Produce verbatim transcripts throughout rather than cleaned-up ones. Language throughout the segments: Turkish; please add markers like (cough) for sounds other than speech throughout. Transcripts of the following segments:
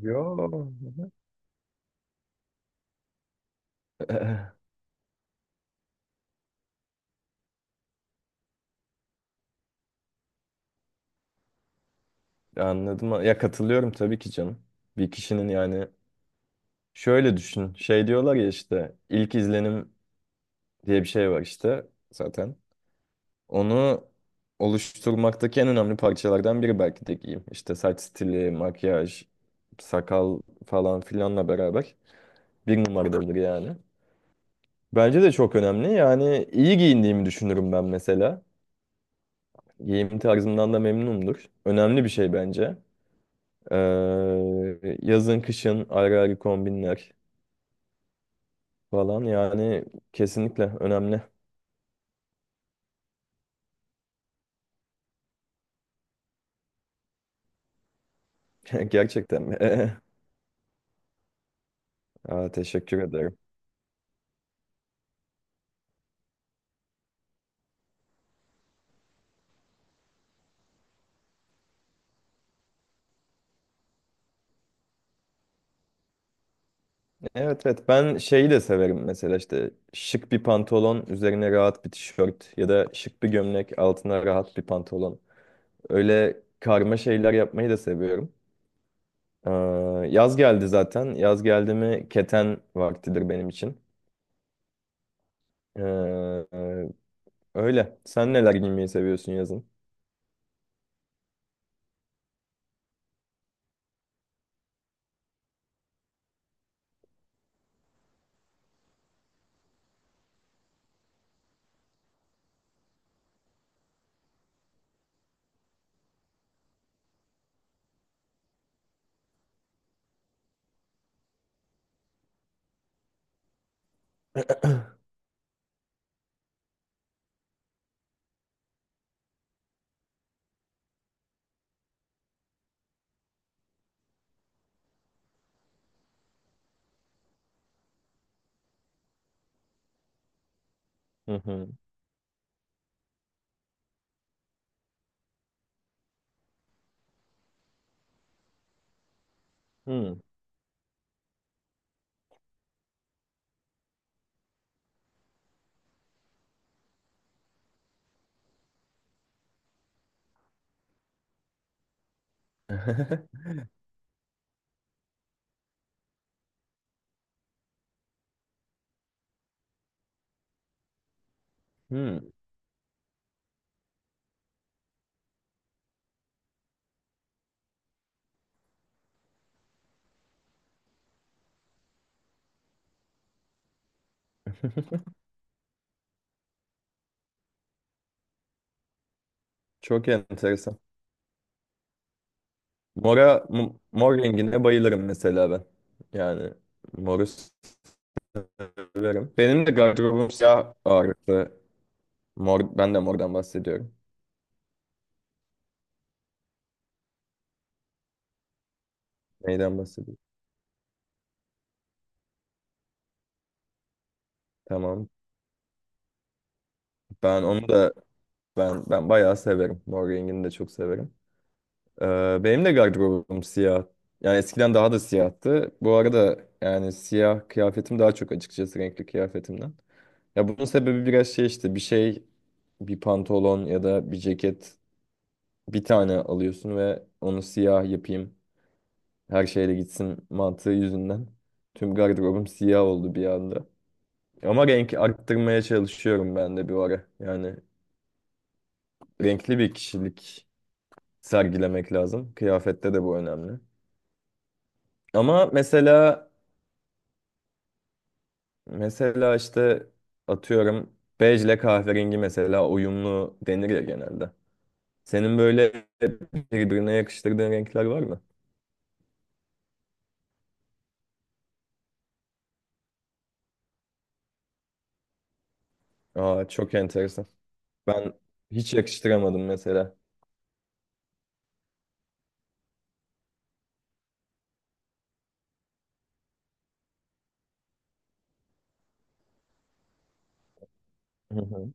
Yo. (laughs) Anladım. Ya katılıyorum tabii ki canım. Bir kişinin yani şöyle düşün. Şey diyorlar ya işte ilk izlenim diye bir şey var işte zaten. Onu oluşturmaktaki en önemli parçalardan biri belki de giyim. İşte saç stili, makyaj, sakal falan filanla beraber bir numaradadır yani. Bence de çok önemli. Yani iyi giyindiğimi düşünürüm ben mesela. Giyim tarzımdan da memnunumdur. Önemli bir şey bence. Ee, yazın kışın ayrı ayrı kombinler falan yani kesinlikle önemli. (laughs) Gerçekten mi? Ee, Aa, teşekkür ederim. Evet evet, ben şeyi de severim mesela, işte şık bir pantolon üzerine rahat bir tişört ya da şık bir gömlek altına rahat bir pantolon. Öyle karma şeyler yapmayı da seviyorum. Ee, Yaz geldi zaten. Yaz geldi mi keten vaktidir benim için. Ee, e, Öyle. Sen neler giymeyi seviyorsun yazın? (clears throat) Hı hı. Hı. Hmm, çok enteresan. Mora, m- mor rengine bayılırım mesela ben. Yani moru severim. Benim de gardırobum siyah ağırlıklı. Mor, ben de mordan bahsediyorum. Neyden bahsediyorum? Tamam. Ben onu da ben ben bayağı severim. Mor rengini de çok severim. Ee, benim de gardırobum siyah. Yani eskiden daha da siyahtı. Bu arada yani siyah kıyafetim daha çok, açıkçası, renkli kıyafetimden. Ya bunun sebebi biraz şey, işte bir şey bir pantolon ya da bir ceket bir tane alıyorsun ve onu siyah yapayım her şeyle gitsin mantığı yüzünden. Tüm gardırobum siyah oldu bir anda. Ama renk arttırmaya çalışıyorum ben de bir ara. Yani renkli bir kişilik sergilemek lazım. Kıyafette de bu önemli. Ama mesela Mesela işte atıyorum bej ile kahverengi mesela uyumlu denir ya genelde. Senin böyle birbirine yakıştırdığın renkler var mı? Aa, çok enteresan. Ben hiç yakıştıramadım mesela. Hı hı.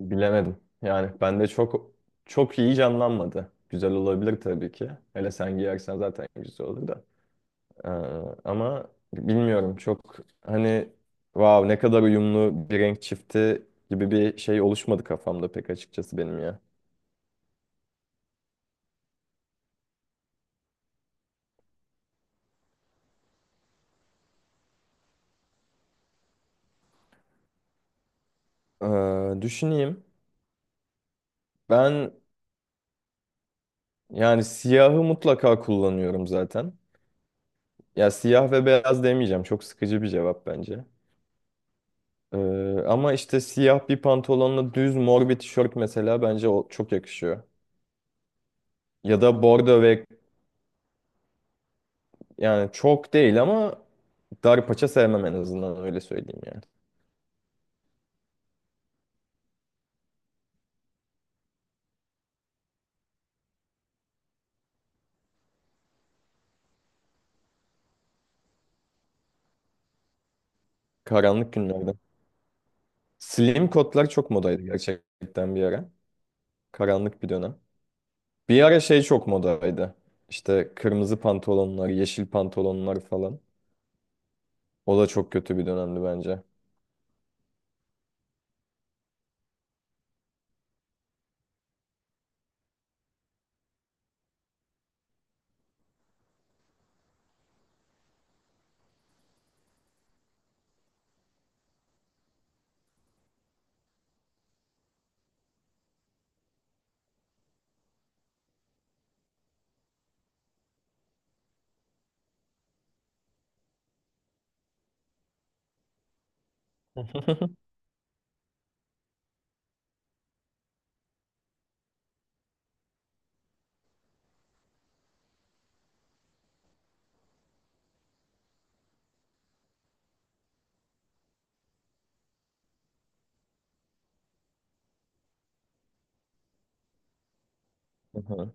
Bilemedim. Yani bende çok çok iyi canlanmadı. Güzel olabilir tabii ki. Hele sen giyersen zaten güzel olur da. Ee, Ama bilmiyorum, çok hani wow ne kadar uyumlu bir renk çifti gibi bir şey oluşmadı kafamda pek açıkçası benim ya. Ee, düşüneyim. Ben yani siyahı mutlaka kullanıyorum zaten. Ya siyah ve beyaz demeyeceğim. Çok sıkıcı bir cevap bence. Ee, Ama işte siyah bir pantolonla düz mor bir tişört, mesela bence o çok yakışıyor. Ya da bordo ve yani çok değil ama dar paça sevmem, en azından öyle söyleyeyim yani. Karanlık günlerde. Slim kotlar çok modaydı gerçekten bir ara. Karanlık bir dönem. Bir ara şey çok modaydı. İşte kırmızı pantolonlar, yeşil pantolonlar falan. O da çok kötü bir dönemdi bence. (laughs) Hı hı.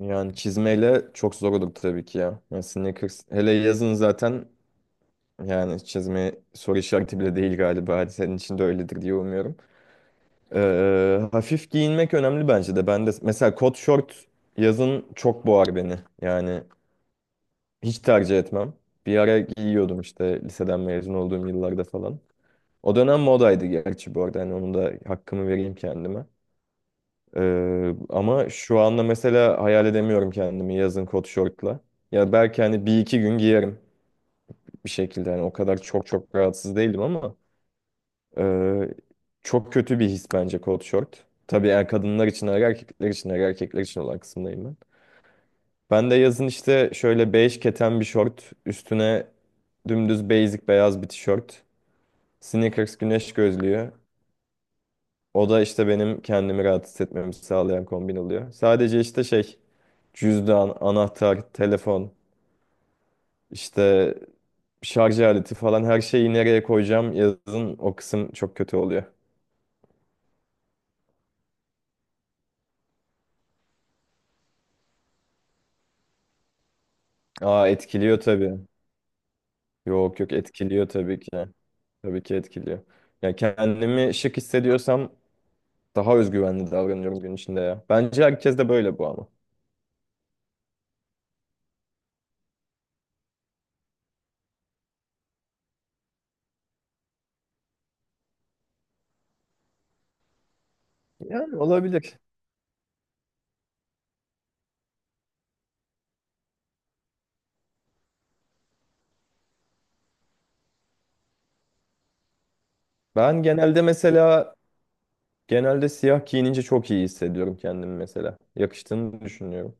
Yani çizmeyle çok zor olur tabii ki ya. Yani sneakers hele yazın zaten, yani çizme soru işareti bile değil galiba. Hadi senin için de öyledir diye umuyorum. Ee, hafif giyinmek önemli bence de. Ben de mesela kot şort yazın çok boğar beni. Yani hiç tercih etmem. Bir ara giyiyordum işte liseden mezun olduğum yıllarda falan. O dönem modaydı gerçi bu arada. Hani onun da hakkımı vereyim kendime. Ee, ama şu anda mesela hayal edemiyorum kendimi yazın kot şortla. Ya belki hani bir iki gün giyerim bir şekilde. Hani o kadar çok çok rahatsız değilim ama e, çok kötü bir his bence kot şort. Tabii er kadınlar için er erkekler için er erkekler için olan kısımdayım ben. Ben de yazın işte şöyle bej keten bir şort üstüne dümdüz basic beyaz bir tişört. Sneakers, güneş gözlüğü. O da işte benim kendimi rahat hissetmemi sağlayan kombin oluyor. Sadece işte şey, cüzdan, anahtar, telefon, işte şarj aleti falan her şeyi nereye koyacağım, yazın o kısım çok kötü oluyor. Aa, etkiliyor tabii. Yok yok, etkiliyor tabii ki. Tabii ki etkiliyor. Yani kendimi şık hissediyorsam daha özgüvenli davranıyorum gün içinde ya. Bence herkes de böyle bu ama. Yani olabilir. Ben genelde mesela Genelde siyah giyinince çok iyi hissediyorum kendimi mesela. Yakıştığını düşünüyorum.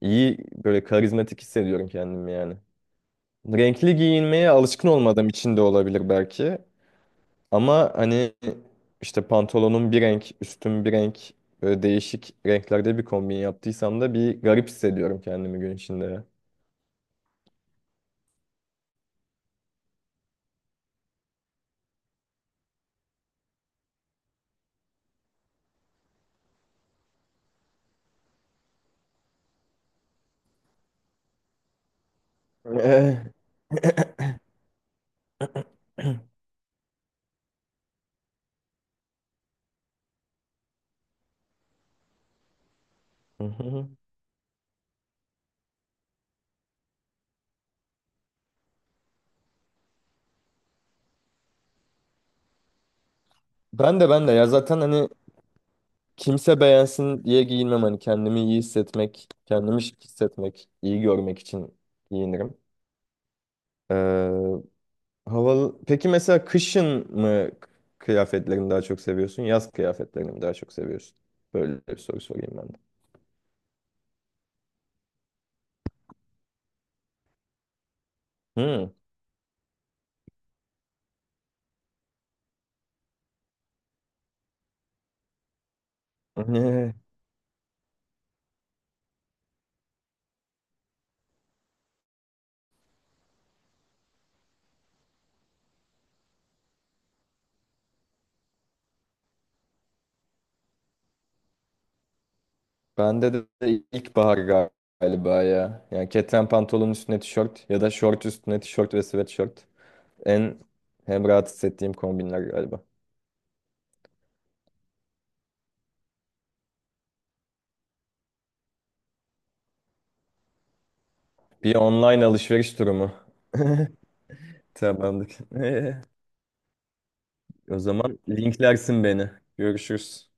İyi, böyle karizmatik hissediyorum kendimi yani. Renkli giyinmeye alışkın olmadığım için de olabilir belki. Ama hani işte pantolonum bir renk, üstüm bir renk, böyle değişik renklerde bir kombin yaptıysam da bir garip hissediyorum kendimi gün içinde. Ya. (laughs) Eh, hı hı. Ben de ben de ya zaten hani kimse beğensin diye giyinmem, hani kendimi iyi hissetmek, kendimi şık hissetmek, iyi görmek için giyinirim. Ee, Havalı. Peki mesela kışın mı k- kıyafetlerini daha çok seviyorsun? Yaz kıyafetlerini mi daha çok seviyorsun? Böyle bir soru sorayım ben de. Hmm. (laughs) Ne? Bende de de ilkbahar gal- galiba ya. Yani keten pantolonun üstüne tişört ya da şort üstüne tişört ve sweatshirt. En hem rahat hissettiğim kombinler galiba. Bir online alışveriş durumu. (laughs) Tamamdır. (laughs) O zaman linklersin beni. Görüşürüz.